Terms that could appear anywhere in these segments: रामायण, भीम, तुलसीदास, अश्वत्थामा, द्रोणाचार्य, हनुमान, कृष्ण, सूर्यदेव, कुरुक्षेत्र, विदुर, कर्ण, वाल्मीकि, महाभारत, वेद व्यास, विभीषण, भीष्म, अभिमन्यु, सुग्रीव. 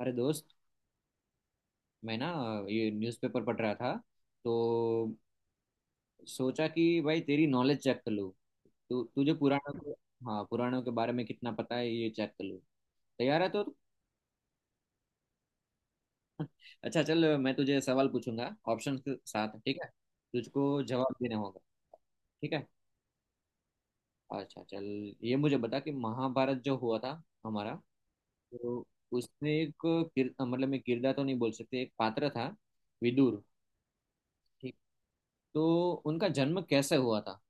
अरे दोस्त। मैं ना ये न्यूज़पेपर पढ़ रहा था तो सोचा कि भाई तेरी नॉलेज चेक कर लूँ। तू तुझे पुराणों के हाँ पुराणों के बारे में कितना पता है ये चेक कर लूँ। तैयार है तो? अच्छा चल, मैं तुझे सवाल पूछूंगा ऑप्शन के साथ। ठीक है? तुझको जवाब देना होगा। ठीक है। अच्छा चल, ये मुझे बता कि महाभारत जो हुआ था हमारा, तो उसमें एक मतलब मैं किरदार तो नहीं बोल सकते, एक पात्र था विदुर। ठीक, तो उनका जन्म कैसे हुआ था?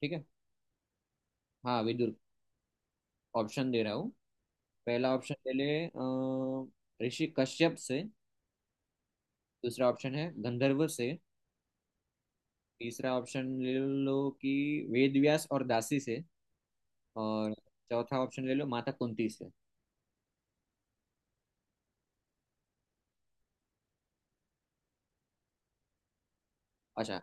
ठीक है। हाँ विदुर। ऑप्शन दे रहा हूँ। पहला ऑप्शन ले ले ऋषि कश्यप से। दूसरा ऑप्शन है गंधर्व से। तीसरा ऑप्शन ले लो कि वेद व्यास और दासी से। और चौथा ऑप्शन ले लो माता कुंती से। अच्छा,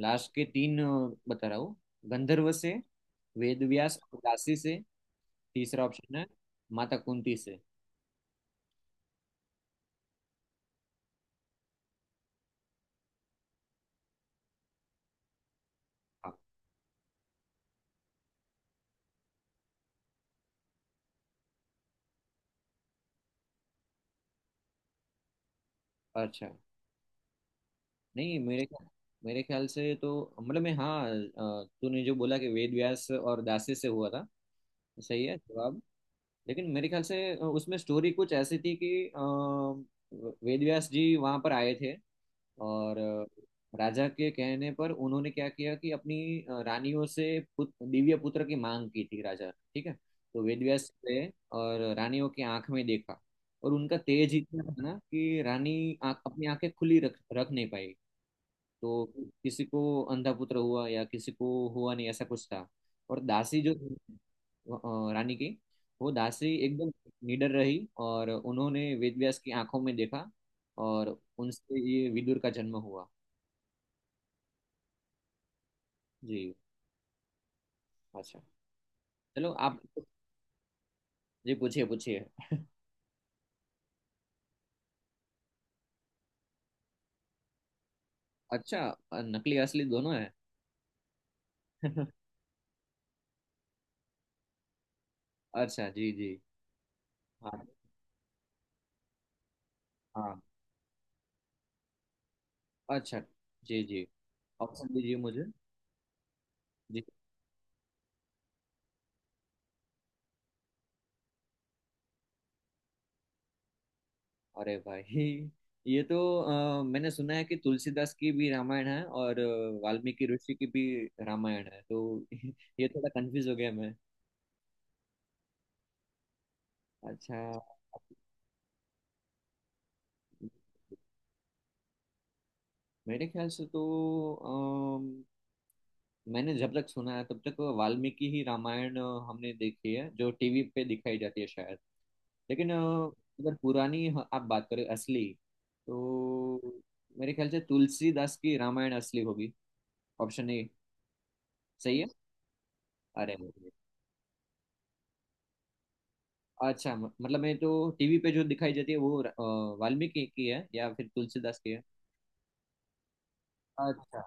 लास्ट के तीन बता रहा हूँ। गंधर्व से, वेद व्यास और दासी से, तीसरा ऑप्शन है माता कुंती से। हाँ। अच्छा, नहीं। मेरे ख्याल से तो, मतलब मैं, हाँ तूने जो बोला कि वेद व्यास और दासी से हुआ था, सही है जवाब। लेकिन मेरे ख्याल से उसमें स्टोरी कुछ ऐसी थी कि अ, वेद व्यास जी वहाँ पर आए थे। और राजा के कहने पर उन्होंने क्या किया कि अपनी रानियों से दिव्य पुत्र की मांग की थी राजा। ठीक है। तो वेद व्यास गए और रानियों की आंख में देखा। और उनका तेज इतना था ना कि रानी आँख, अपनी आंखें खुली रख रख नहीं पाई। तो किसी को अंधा पुत्र हुआ या किसी को हुआ नहीं, ऐसा कुछ था। और दासी जो थी, रानी की, वो दासी एकदम निडर रही और उन्होंने वेदव्यास की आंखों में देखा, और उनसे ये विदुर का जन्म हुआ। जी। अच्छा, चलो आप। जी, पूछिए पूछिए। अच्छा, नकली असली दोनों है। अच्छा जी जी। हाँ हाँ। अच्छा जी जी। ऑप्शन दीजिए मुझे। जी। अरे भाई, ये तो मैंने सुना है कि तुलसीदास की भी रामायण है और वाल्मीकि ऋषि की भी रामायण है, तो ये थोड़ा कंफ्यूज हो गया मैं। अच्छा, मेरे ख्याल से तो अम, मैंने जब तक सुना है तब तक वाल्मीकि ही रामायण हमने देखी है जो टीवी पे दिखाई जाती है शायद। लेकिन अगर पुरानी आप बात करें असली, तो मेरे ख्याल से तुलसीदास की रामायण असली होगी। Option A. सही है। अरे, अच्छा। मतलब मैं तो टीवी पे जो दिखाई जाती है वो वाल्मीकि की है या फिर तुलसीदास की है? अच्छा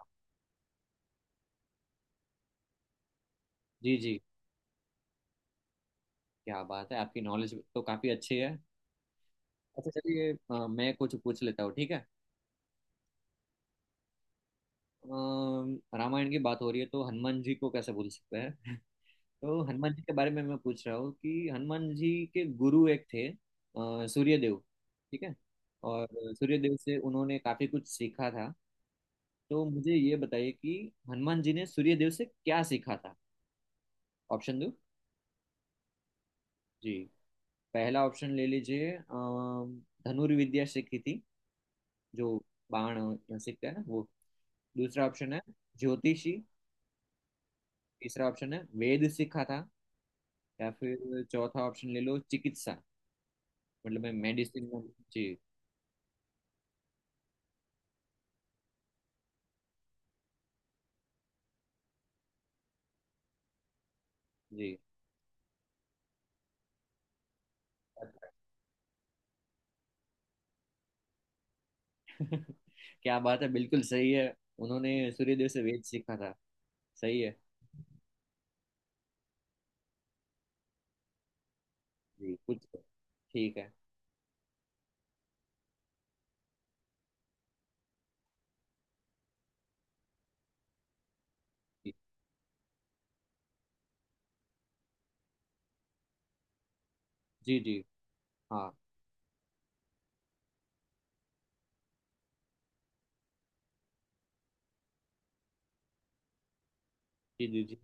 जी जी। क्या बात है, आपकी नॉलेज तो काफी अच्छी है। अच्छा, चलिए मैं कुछ पूछ लेता हूँ, ठीक है? रामायण की बात हो रही है तो हनुमान जी को कैसे भूल सकते हैं। तो हनुमान जी के बारे में मैं पूछ रहा हूँ कि हनुमान जी के गुरु एक थे सूर्यदेव। ठीक है। और सूर्यदेव से उन्होंने काफी कुछ सीखा था। तो मुझे ये बताइए कि हनुमान जी ने सूर्यदेव से क्या सीखा था। ऑप्शन दो। जी, पहला ऑप्शन ले लीजिए धनुर्विद्या विद्या सीखी थी, जो बाण सीखते हैं ना वो। दूसरा ऑप्शन है ज्योतिषी। तीसरा ऑप्शन है वेद सीखा था। या फिर चौथा ऑप्शन ले लो चिकित्सा, मतलब मैं मेडिसिन। जी जी। क्या बात है, बिल्कुल सही है। उन्होंने सूर्यदेव से वेद सीखा था। सही है। जी कुछ तो, ठीक है। जी जी जी, हाँ जी जी जी।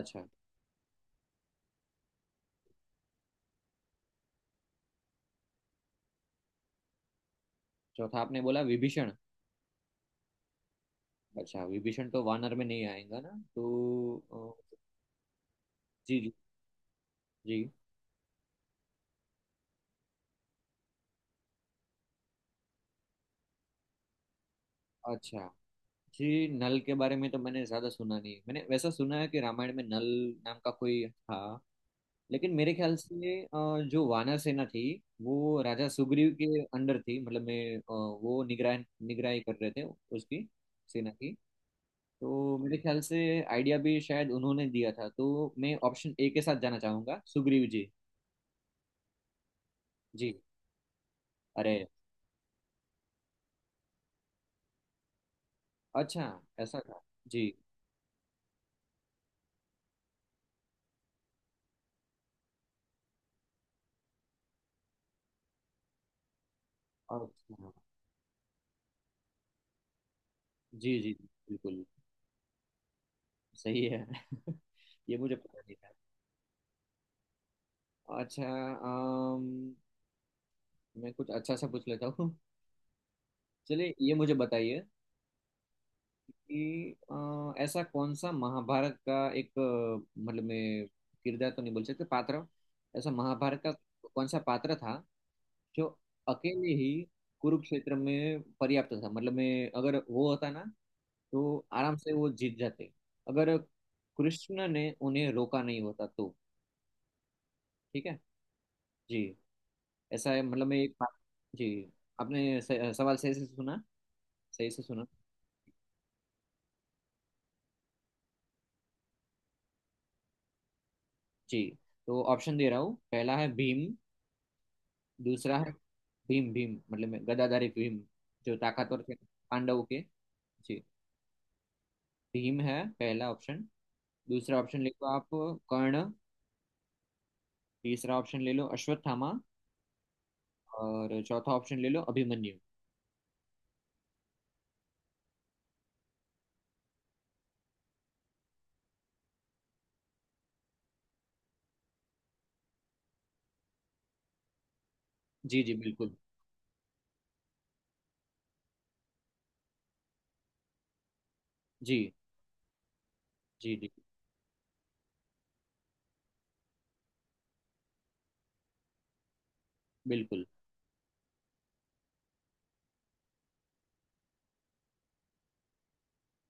अच्छा, चौथा आपने बोला विभीषण। अच्छा, विभीषण तो वानर में नहीं आएगा ना, तो जी जी जी। अच्छा जी, नल के बारे में तो मैंने ज्यादा सुना नहीं है। मैंने वैसा सुना है कि रामायण में नल नाम का कोई था। लेकिन मेरे ख्याल से जो वानर सेना थी, वो राजा सुग्रीव के अंडर थी, मतलब मैं वो निगरानी कर रहे थे उसकी, सेना की। तो मेरे ख्याल से आइडिया भी शायद उन्होंने दिया था, तो मैं ऑप्शन ए के साथ जाना चाहूंगा। सुग्रीव जी। जी। अरे, अच्छा, ऐसा था। जी। अच्छा जी जी, बिल्कुल सही है। ये मुझे पता नहीं था। अच्छा। अम, मैं कुछ अच्छा सा पूछ लेता हूँ। चलिए ये मुझे बताइए कि ऐसा कौन सा महाभारत का एक मतलब मैं किरदार तो नहीं बोल सकते, पात्र, ऐसा महाभारत का कौन सा पात्र था जो अकेले ही कुरुक्षेत्र में पर्याप्त था, मतलब मैं अगर वो होता ना तो आराम से वो जीत जाते, अगर कृष्ण ने उन्हें रोका नहीं होता तो। ठीक है। जी। ऐसा है, मतलब मैं एक। जी आपने सवाल सही से सुना, सही से सुना? जी। तो ऑप्शन दे रहा हूँ। पहला है भीम। दूसरा है भीम। भीम, गदाधारी भीम, जो ताकतवर थे पांडवों के। जी, भीम है पहला ऑप्शन। दूसरा ऑप्शन ले लो आप, कर्ण। तीसरा ऑप्शन ले लो अश्वत्थामा। और चौथा ऑप्शन ले लो अभिमन्यु। जी जी बिल्कुल। जी जी जी बिल्कुल।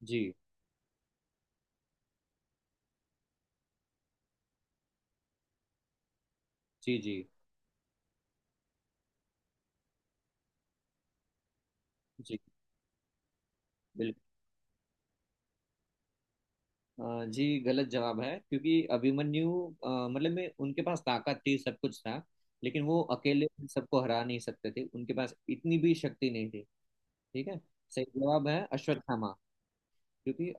जी जी जी जी। बिल्कुल। जी गलत जवाब है, क्योंकि अभिमन्यु मतलब में उनके पास ताकत थी, सब कुछ था। लेकिन वो अकेले सबको हरा नहीं सकते थे, उनके पास इतनी भी शक्ति नहीं थी। ठीक है। सही जवाब है अश्वत्थामा। क्योंकि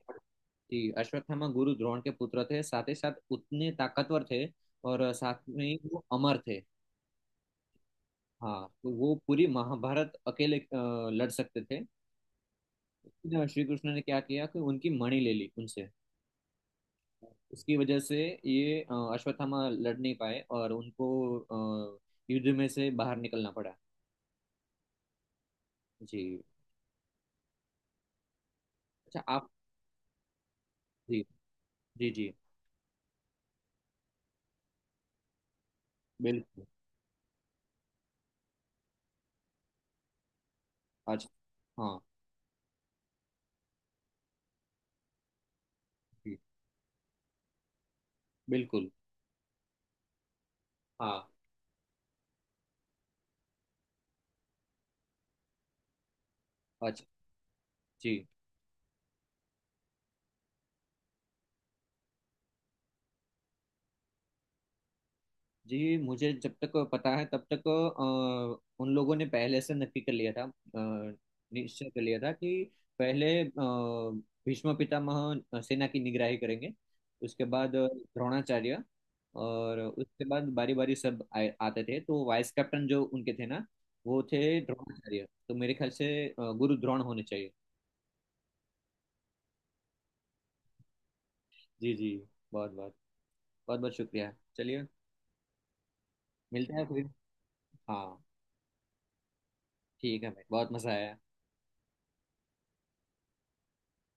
जी, अश्वत्थामा गुरु द्रोण के पुत्र थे, साथ ही साथ उतने ताकतवर थे। और साथ में ही वो अमर थे। हाँ, तो वो पूरी महाभारत अकेले लड़ सकते थे। लेकिन श्री कृष्ण ने क्या किया कि उनकी मणि ले ली उनसे। उसकी वजह से ये अश्वत्थामा लड़ नहीं पाए और उनको अ, युद्ध में से बाहर निकलना पड़ा। जी। अच्छा आप। जी जी जी बिल्कुल। अच्छा, हाँ जी, बिल्कुल। हाँ, अच्छा। जी जी, मुझे जब तक पता है तब तक उन लोगों ने पहले से नक्की कर लिया था, निश्चय कर लिया था कि पहले भीष्म पितामह सेना की निगराही करेंगे, उसके बाद द्रोणाचार्य, और उसके बाद बारी बारी सब आते थे, तो वाइस कैप्टन जो उनके थे ना वो थे द्रोणाचार्य। तो मेरे ख्याल से गुरु द्रोण होने चाहिए। जी जी। बहुत बहुत, बहुत बहुत शुक्रिया। चलिए मिलते हैं फिर। हाँ। ठीक है भाई, बहुत मजा आया।